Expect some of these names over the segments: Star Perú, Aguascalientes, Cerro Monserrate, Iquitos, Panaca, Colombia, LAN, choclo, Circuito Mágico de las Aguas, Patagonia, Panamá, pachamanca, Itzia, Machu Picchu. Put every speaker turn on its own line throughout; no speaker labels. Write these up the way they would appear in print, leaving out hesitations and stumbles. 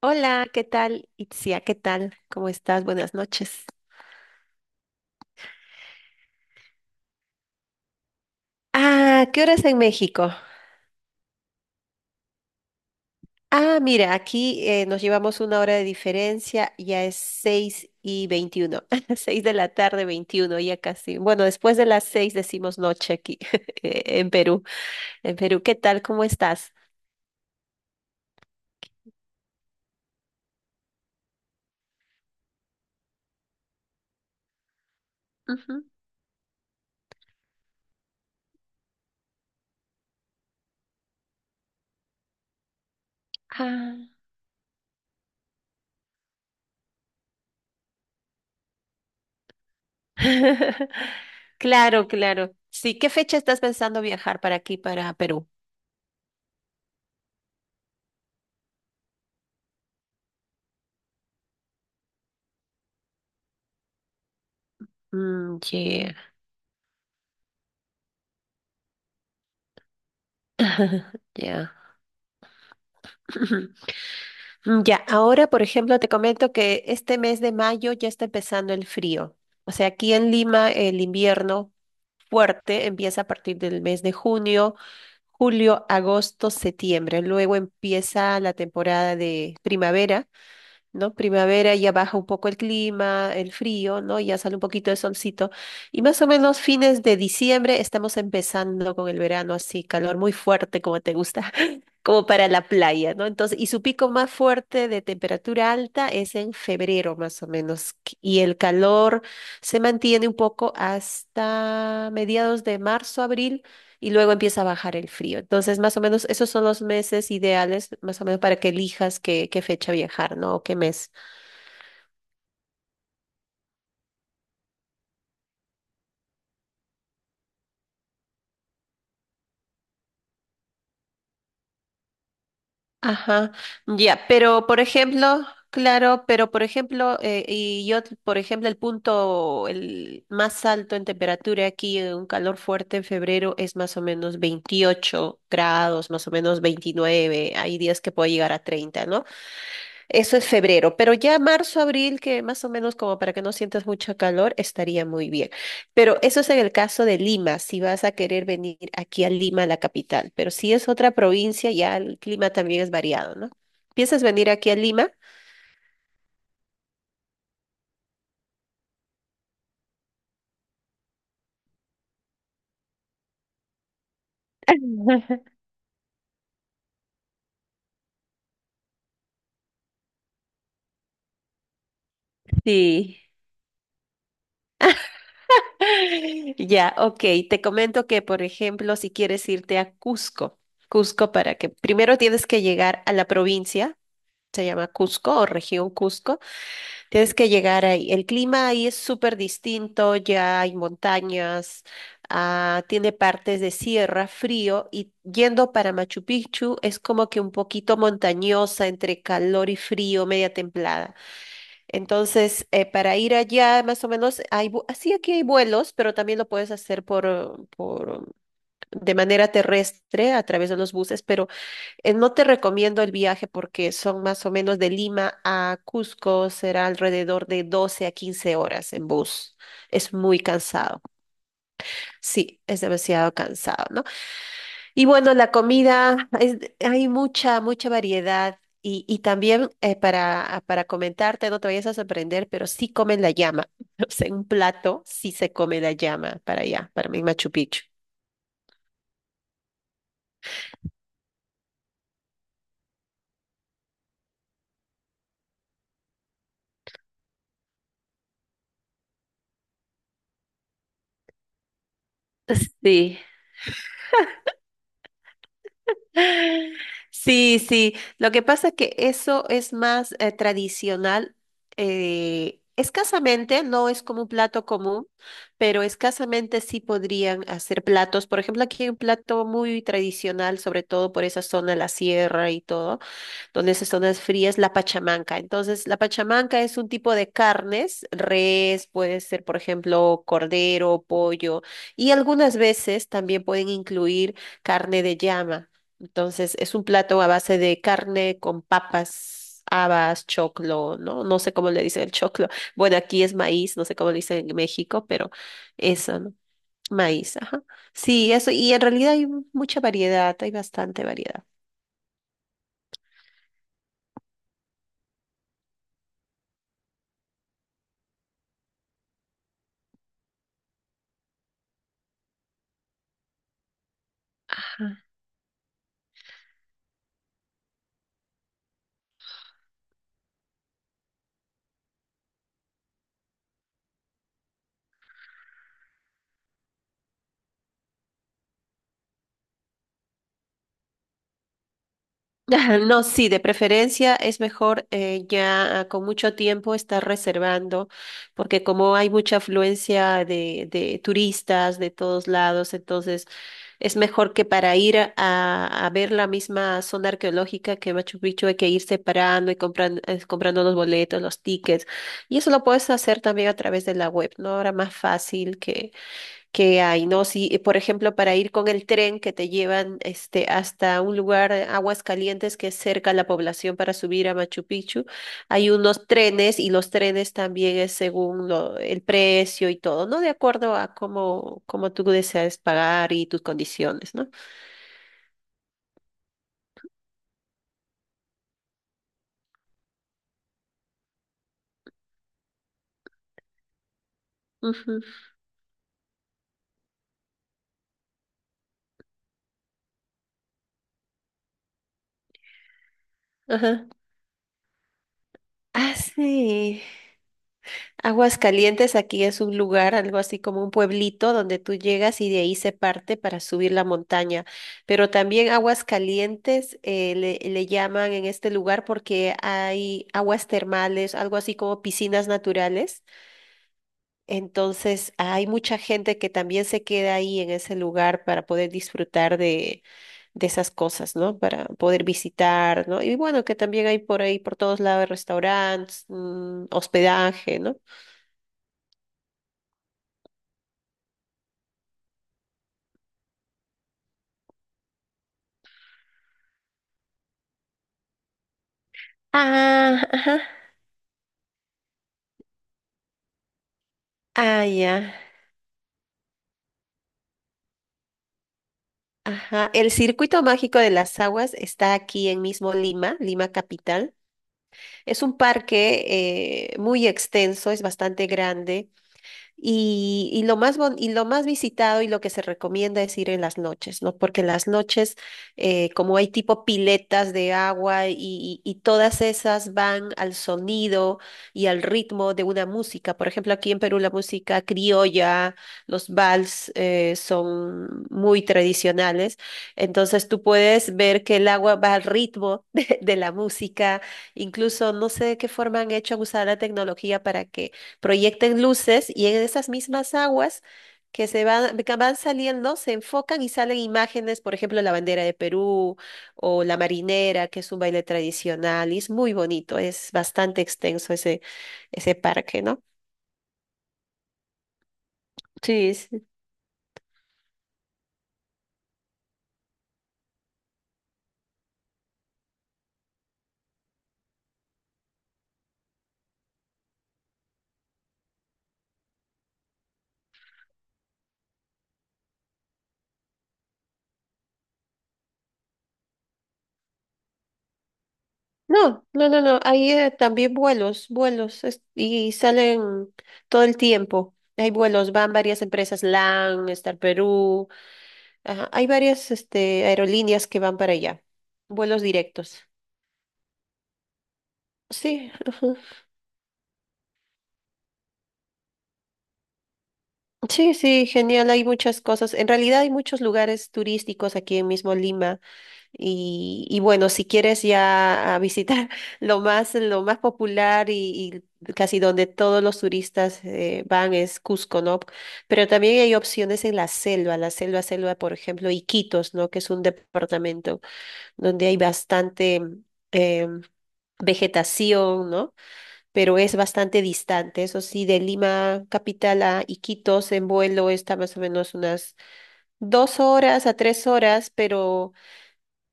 Hola, ¿qué tal? Itzia, ¿qué tal? ¿Cómo estás? Buenas noches. Ah, ¿qué hora es en México? Ah, mira, aquí nos llevamos una hora de diferencia, ya es 6:21. 6 de la tarde, 21 ya casi. Bueno, después de las 6 decimos noche aquí en Perú. En Perú, ¿qué tal? ¿Cómo estás? Ujú. Ah. Claro, claro. Sí, ¿qué fecha estás pensando viajar para aquí, para Perú? Mm, yeah. Ya. Mm, ya, ahora, por ejemplo, te comento que este mes de mayo ya está empezando el frío. O sea, aquí en Lima el invierno fuerte empieza a partir del mes de junio, julio, agosto, septiembre. Luego empieza la temporada de primavera, ¿no? Primavera ya baja un poco el clima, el frío, ¿no? Ya sale un poquito de solcito. Y más o menos fines de diciembre estamos empezando con el verano así, calor muy fuerte como te gusta, como para la playa, ¿no? Entonces, y su pico más fuerte de temperatura alta es en febrero más o menos. Y el calor se mantiene un poco hasta mediados de marzo, abril y luego empieza a bajar el frío. Entonces, más o menos, esos son los meses ideales, más o menos, para que elijas qué fecha viajar, ¿no? O qué mes. Ajá, ya, pero por ejemplo, claro, pero por ejemplo, por ejemplo, el punto el más alto en temperatura aquí, un calor fuerte en febrero es más o menos 28 grados, más o menos 29, hay días que puede llegar a 30, ¿no? Eso es febrero, pero ya marzo, abril, que más o menos como para que no sientas mucho calor, estaría muy bien. Pero eso es en el caso de Lima, si vas a querer venir aquí a Lima, la capital. Pero si es otra provincia, ya el clima también es variado, ¿no? ¿Piensas venir aquí a Lima? Sí. Ya, ok. Te comento que, por ejemplo, si quieres irte a Cusco, Cusco para que primero tienes que llegar a la provincia, se llama Cusco o región Cusco. Tienes que llegar ahí. El clima ahí es súper distinto, ya hay montañas, tiene partes de sierra, frío, y yendo para Machu Picchu es como que un poquito montañosa entre calor y frío, media templada. Entonces, para ir allá, más o menos, hay, sí, aquí hay vuelos, pero también lo puedes hacer por, de manera terrestre a través de los buses, pero no te recomiendo el viaje porque son más o menos de Lima a Cusco, será alrededor de 12 a 15 horas en bus. Es muy cansado. Sí, es demasiado cansado, ¿no? Y bueno, la comida, hay mucha, mucha variedad. Y también para comentarte, no te vayas a sorprender, pero sí comen la llama. O sea, en un plato sí se come la llama para allá, para mí Machu Picchu. Sí, sí, sí. Lo que pasa es que eso es más tradicional. Escasamente, no es como un plato común, pero escasamente sí podrían hacer platos. Por ejemplo, aquí hay un plato muy tradicional, sobre todo por esa zona de la sierra y todo donde esas zonas frías, la pachamanca. Entonces, la pachamanca es un tipo de carnes, res, puede ser, por ejemplo, cordero, pollo, y algunas veces también pueden incluir carne de llama. Entonces, es un plato a base de carne con papas, habas, choclo, ¿no? No sé cómo le dicen el choclo. Bueno, aquí es maíz, no sé cómo le dicen en México, pero eso, ¿no? Maíz, ajá. Sí, eso, y en realidad hay mucha variedad, hay bastante variedad. Ajá. Ajá, no, sí, de preferencia es mejor ya con mucho tiempo estar reservando, porque como hay mucha afluencia de turistas de todos lados, entonces es mejor que para ir a ver la misma zona arqueológica que Machu Picchu hay que ir separando y comprando, los boletos, los tickets, y eso lo puedes hacer también a través de la web, ¿no? Ahora más fácil que hay, ¿no? Si, por ejemplo, para ir con el tren que te llevan este, hasta un lugar, Aguas Calientes, que es cerca a la población para subir a Machu Picchu, hay unos trenes y los trenes también es según el precio y todo, ¿no? De acuerdo a cómo tú deseas pagar y tus condiciones, ¿no? Ujú, ajá. Ah, sí. Aguascalientes aquí es un lugar, algo así como un pueblito donde tú llegas y de ahí se parte para subir la montaña. Pero también Aguascalientes le llaman en este lugar porque hay aguas termales, algo así como piscinas naturales. Entonces hay mucha gente que también se queda ahí en ese lugar para poder disfrutar de esas cosas, ¿no? Para poder visitar, ¿no? Y bueno, que también hay por ahí, por todos lados, restaurantes, hospedaje, ¿no? Ah, ajá. Ah, ya. Ajá. El Circuito Mágico de las Aguas está aquí en mismo Lima, Lima Capital. Es un parque muy extenso, es bastante grande. Y lo más visitado y lo que se recomienda es ir en las noches, ¿no? Porque en las noches, como hay tipo piletas de agua y todas esas van al sonido y al ritmo de una música. Por ejemplo, aquí en Perú la música criolla, los vals, son muy tradicionales. Entonces tú puedes ver que el agua va al ritmo de la música. Incluso no sé de qué forma han hecho usar la tecnología para que proyecten luces y en esas mismas aguas que van saliendo, se enfocan y salen imágenes, por ejemplo, la bandera de Perú o la marinera, que es un baile tradicional, y es muy bonito, es bastante extenso ese parque, ¿no? Sí, sí. No, no, no, no, hay también vuelos, y salen todo el tiempo. Hay vuelos, van varias empresas, LAN, Star Perú, ajá, hay varias aerolíneas que van para allá, vuelos directos. Sí, ujú. Sí, sí, genial. Hay muchas cosas. En realidad hay muchos lugares turísticos aquí mismo en Lima. Y bueno, si quieres ya a visitar lo más popular y casi donde todos los turistas van es Cusco, ¿no? Pero también hay opciones en la selva, selva, por ejemplo, Iquitos, ¿no? Que es un departamento donde hay bastante em, vegetación, ¿no? Pero es bastante distante. Eso sí, de Lima capital a Iquitos en vuelo está más o menos unas 2 horas a 3 horas, pero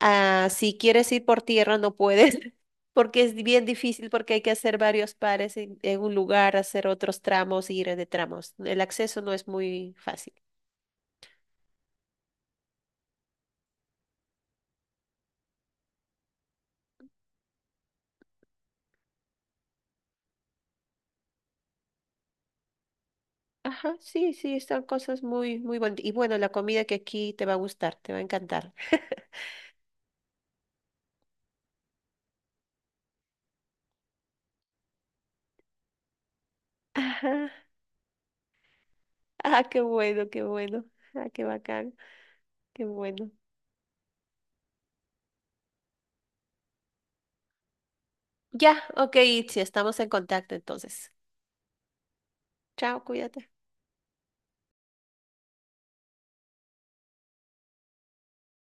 si quieres ir por tierra no puedes, porque es bien difícil, porque hay que hacer varios pares en un lugar, hacer otros tramos, ir de tramos. El acceso no es muy fácil. Ajá, sí, sí, están cosas muy, muy bonitas. Y bueno, la comida que aquí te va a gustar, te va a encantar. Ajá. Ah, qué bueno, qué bueno. Ah, qué bacán, qué bueno. Ya, ok, Itzi, estamos en contacto entonces. Chao, cuídate.